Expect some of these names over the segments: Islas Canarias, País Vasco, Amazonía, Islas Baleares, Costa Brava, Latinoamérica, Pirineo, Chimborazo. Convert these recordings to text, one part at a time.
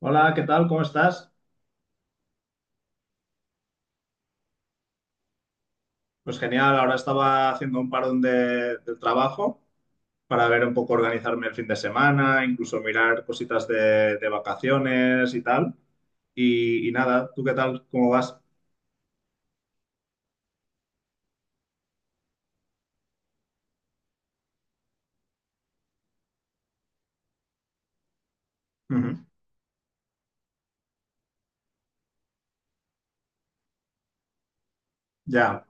Hola, ¿qué tal? ¿Cómo estás? Pues genial, ahora estaba haciendo un parón del trabajo para ver un poco organizarme el fin de semana, incluso mirar cositas de vacaciones y tal. Y nada, ¿tú qué tal? ¿Cómo vas? Ujú. Ya,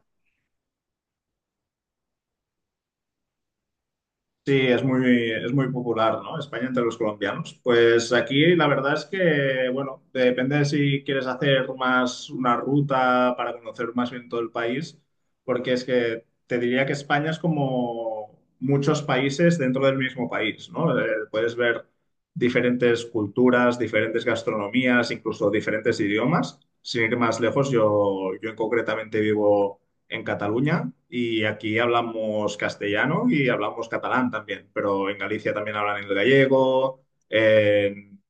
sí, es muy popular, ¿no?, España entre los colombianos. Pues aquí la verdad es que, bueno, depende de si quieres hacer más una ruta para conocer más bien todo el país, porque es que te diría que España es como muchos países dentro del mismo país, ¿no? Puedes ver diferentes culturas, diferentes gastronomías, incluso diferentes idiomas. Sin ir más lejos, yo concretamente vivo en Cataluña y aquí hablamos castellano y hablamos catalán también, pero en Galicia también hablan el gallego,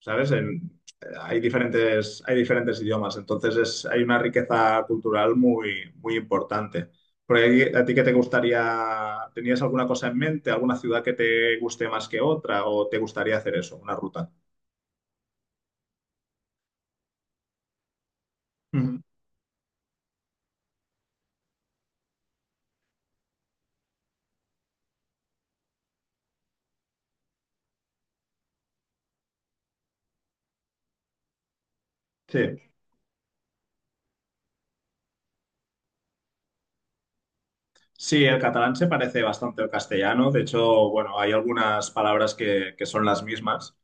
¿sabes? En- hay hay diferentes idiomas, entonces es, hay una riqueza cultural muy, muy importante. Por ahí, ¿a ti qué te gustaría? ¿Tenías alguna cosa en mente, alguna ciudad que te guste más que otra, o te gustaría hacer eso, una ruta? Ujú. Sí. Sí, el catalán se parece bastante al castellano. De hecho, bueno, hay algunas palabras que son las mismas.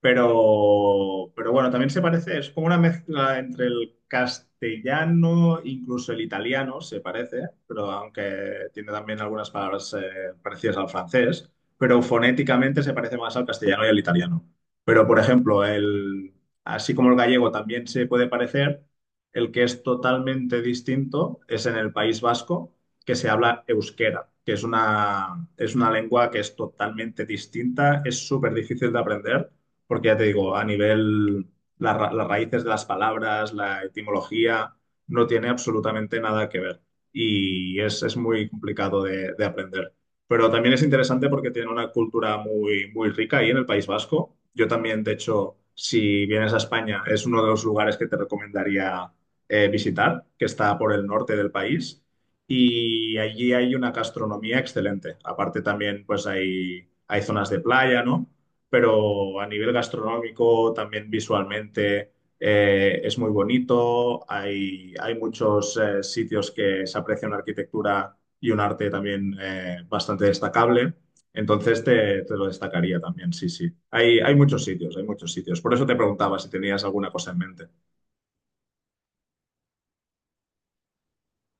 Pero bueno, también se parece, es como una mezcla entre el castellano, incluso el italiano, se parece, pero aunque tiene también algunas palabras parecidas al francés, pero fonéticamente se parece más al castellano y al italiano. Pero, por ejemplo, así como el gallego también se puede parecer, el que es totalmente distinto es en el País Vasco, que se habla euskera, que es es una lengua que es totalmente distinta, es súper difícil de aprender porque ya te digo, a nivel, las raíces de las palabras, la etimología, no tiene absolutamente nada que ver y es muy complicado de aprender. Pero también es interesante porque tiene una cultura muy, muy rica ahí en el País Vasco. Yo también, de hecho, si vienes a España, es uno de los lugares que te recomendaría visitar, que está por el norte del país. Y allí hay una gastronomía excelente. Aparte también, pues hay zonas de playa, ¿no?, pero a nivel gastronómico, también visualmente, es muy bonito. Hay muchos sitios que se aprecia una arquitectura y un arte también bastante destacable. Entonces te lo destacaría también, sí, sí. Hay muchos sitios, hay muchos sitios. Por eso te preguntaba si tenías alguna cosa en mente.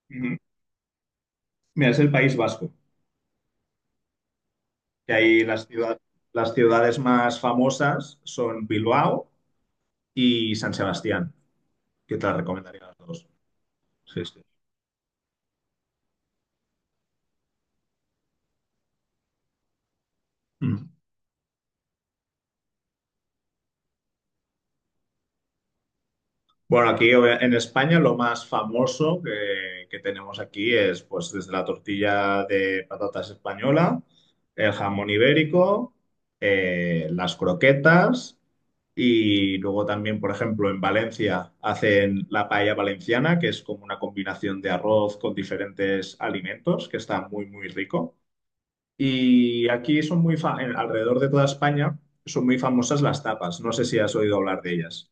Ujú. Mira, es el País Vasco, que ahí las ciudades más famosas son Bilbao y San Sebastián, que te las recomendaría a las dos. Sí, sí. Ujú. Bueno, en España lo más famoso que tenemos aquí es pues desde la tortilla de patatas española, el jamón ibérico, las croquetas y luego también, por ejemplo, en Valencia hacen la paella valenciana, que es como una combinación de arroz con diferentes alimentos, que está muy, muy rico. Y aquí son muy, alrededor de toda España son muy famosas las tapas. No sé si has oído hablar de ellas.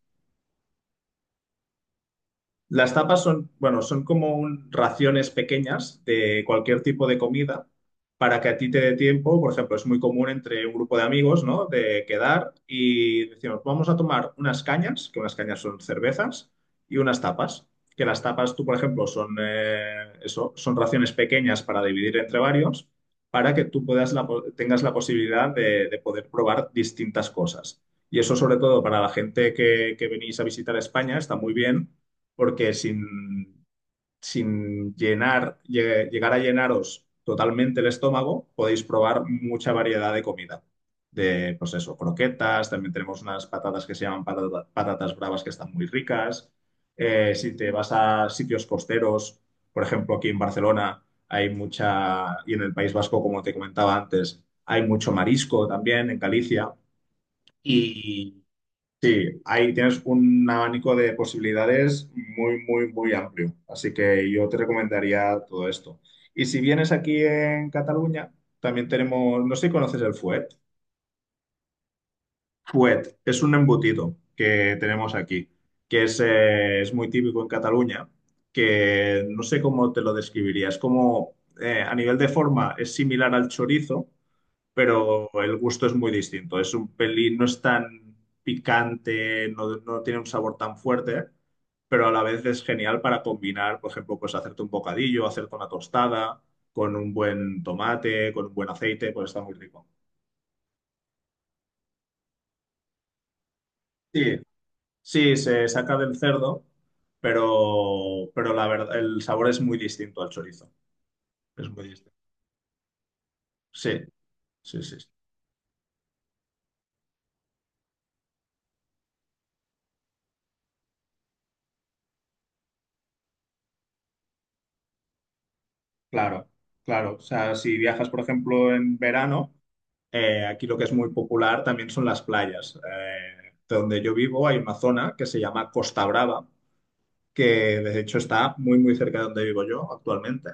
Las tapas son, bueno, son como raciones pequeñas de cualquier tipo de comida para que a ti te dé tiempo. Por ejemplo, es muy común entre un grupo de amigos, ¿no? De quedar y decimos, vamos a tomar unas cañas, que unas cañas son cervezas, y unas tapas. Que las tapas, tú, por ejemplo, son, eso, son raciones pequeñas para dividir entre varios, para que tú tengas la posibilidad de poder probar distintas cosas. Y eso, sobre todo, para la gente que venís a visitar España, está muy bien porque sin llegar a llenaros totalmente el estómago, podéis probar mucha variedad de comida. De, pues eso, croquetas, también tenemos unas patatas que se llaman patatas bravas que están muy ricas. Si te vas a sitios costeros, por ejemplo, aquí en Barcelona hay mucha, y en el País Vasco, como te comentaba antes, hay mucho marisco también, en Galicia. Sí, ahí tienes un abanico de posibilidades muy, muy, muy amplio. Así que yo te recomendaría todo esto. Y si vienes aquí en Cataluña, también tenemos, no sé si conoces el fuet. Fuet es un embutido que tenemos aquí, que es muy típico en Cataluña, que no sé cómo te lo describiría. Es como, a nivel de forma, es similar al chorizo, pero el gusto es muy distinto. Es un pelín, no es tan picante, no tiene un sabor tan fuerte, pero a la vez es genial para combinar, por ejemplo, pues hacerte un bocadillo, hacerte una tostada con un buen tomate, con un buen aceite, pues está muy rico. Sí, sí, se saca del cerdo, pero la verdad, el sabor es muy distinto al chorizo. Es muy distinto. Sí, sí, sí. Claro, claro. O sea, si viajas, por ejemplo, en verano, aquí lo que es muy popular también son las playas. De donde yo vivo hay una zona que se llama Costa Brava, que de hecho está muy, muy cerca de donde vivo yo actualmente,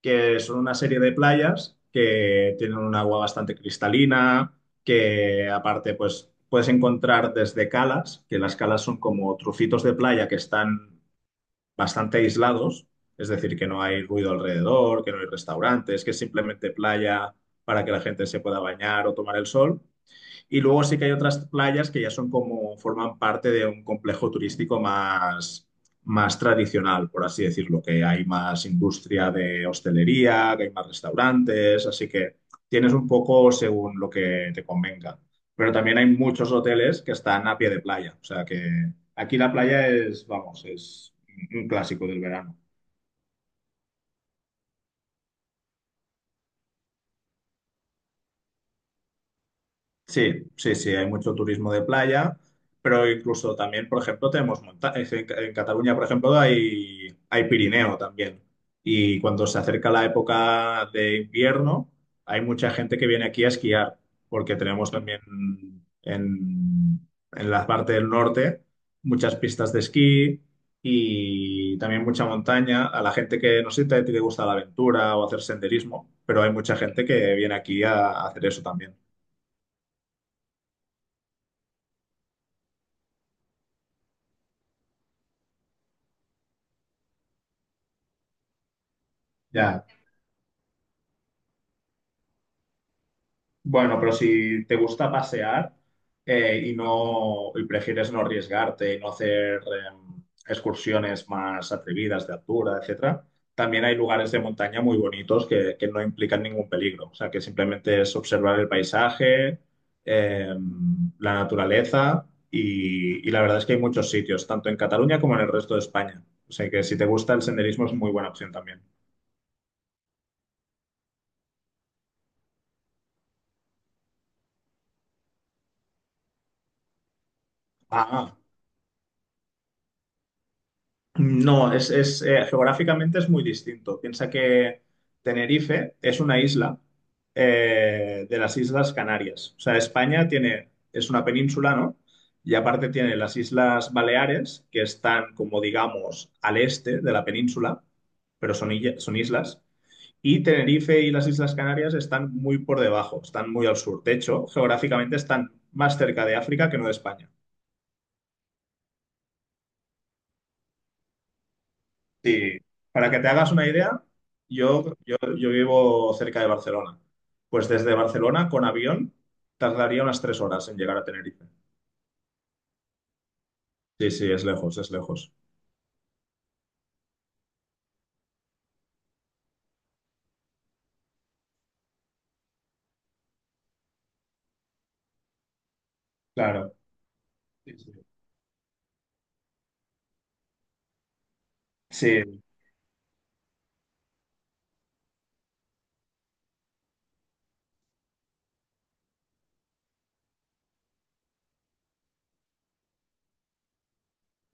que son una serie de playas que tienen un agua bastante cristalina, que aparte, pues puedes encontrar desde calas, que las calas son como trocitos de playa que están bastante aislados, es decir, que no hay ruido alrededor, que no hay restaurantes, que es simplemente playa para que la gente se pueda bañar o tomar el sol. Y luego sí que hay otras playas que ya son como, forman parte de un complejo turístico más, más tradicional, por así decirlo, que hay más industria de hostelería, que hay más restaurantes, así que tienes un poco según lo que te convenga. Pero también hay muchos hoteles que están a pie de playa, o sea que aquí la playa es, vamos, es un clásico del verano. Sí, sí, sí, hay mucho turismo de playa, pero incluso también, por ejemplo, tenemos montañas. En Cataluña, por ejemplo, hay Pirineo también. Y cuando se acerca la época de invierno, hay mucha gente que viene aquí a esquiar, porque tenemos también en la parte del norte muchas pistas de esquí y también mucha montaña. A la gente que, no sé si a ti te gusta la aventura o hacer senderismo, pero hay mucha gente que viene aquí a hacer eso también. Ya, bueno, pero si te gusta pasear y prefieres no arriesgarte y no hacer excursiones más atrevidas de altura, etcétera, también hay lugares de montaña muy bonitos que no implican ningún peligro. O sea, que simplemente es observar el paisaje, la naturaleza y la verdad es que hay muchos sitios, tanto en Cataluña como en el resto de España. O sea, que si te gusta el senderismo es muy buena opción también. Ah. No, geográficamente es muy distinto. Piensa que Tenerife es una isla de las Islas Canarias. O sea, España tiene, es una península, ¿no? Y aparte tiene las Islas Baleares, que están como digamos al este de la península, pero son, son islas. Y Tenerife y las Islas Canarias están muy por debajo, están muy al sur. De hecho, geográficamente están más cerca de África que no de España. Sí, para que te hagas una idea, yo vivo cerca de Barcelona. Pues desde Barcelona con avión tardaría unas 3 horas en llegar a Tenerife. Sí, sí, es lejos, es lejos. Claro. Sí, sí. Sí.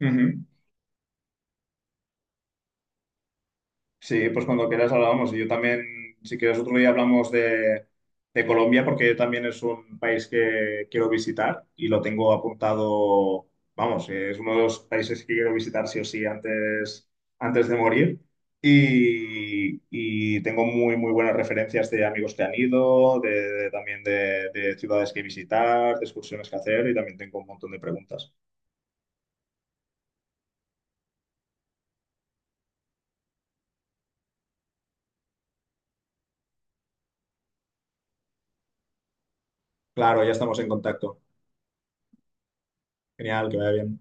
Ujú. Sí, pues cuando quieras hablamos. Y yo también, si quieres, otro día hablamos de Colombia, porque también es un país que quiero visitar y lo tengo apuntado, vamos, es uno de los países que quiero visitar sí o sí antes, antes de morir. Y tengo muy, muy buenas referencias de amigos que han ido, también de ciudades que visitar, de excursiones que hacer y también tengo un montón de preguntas. Claro, ya estamos en contacto. Genial, que vaya bien.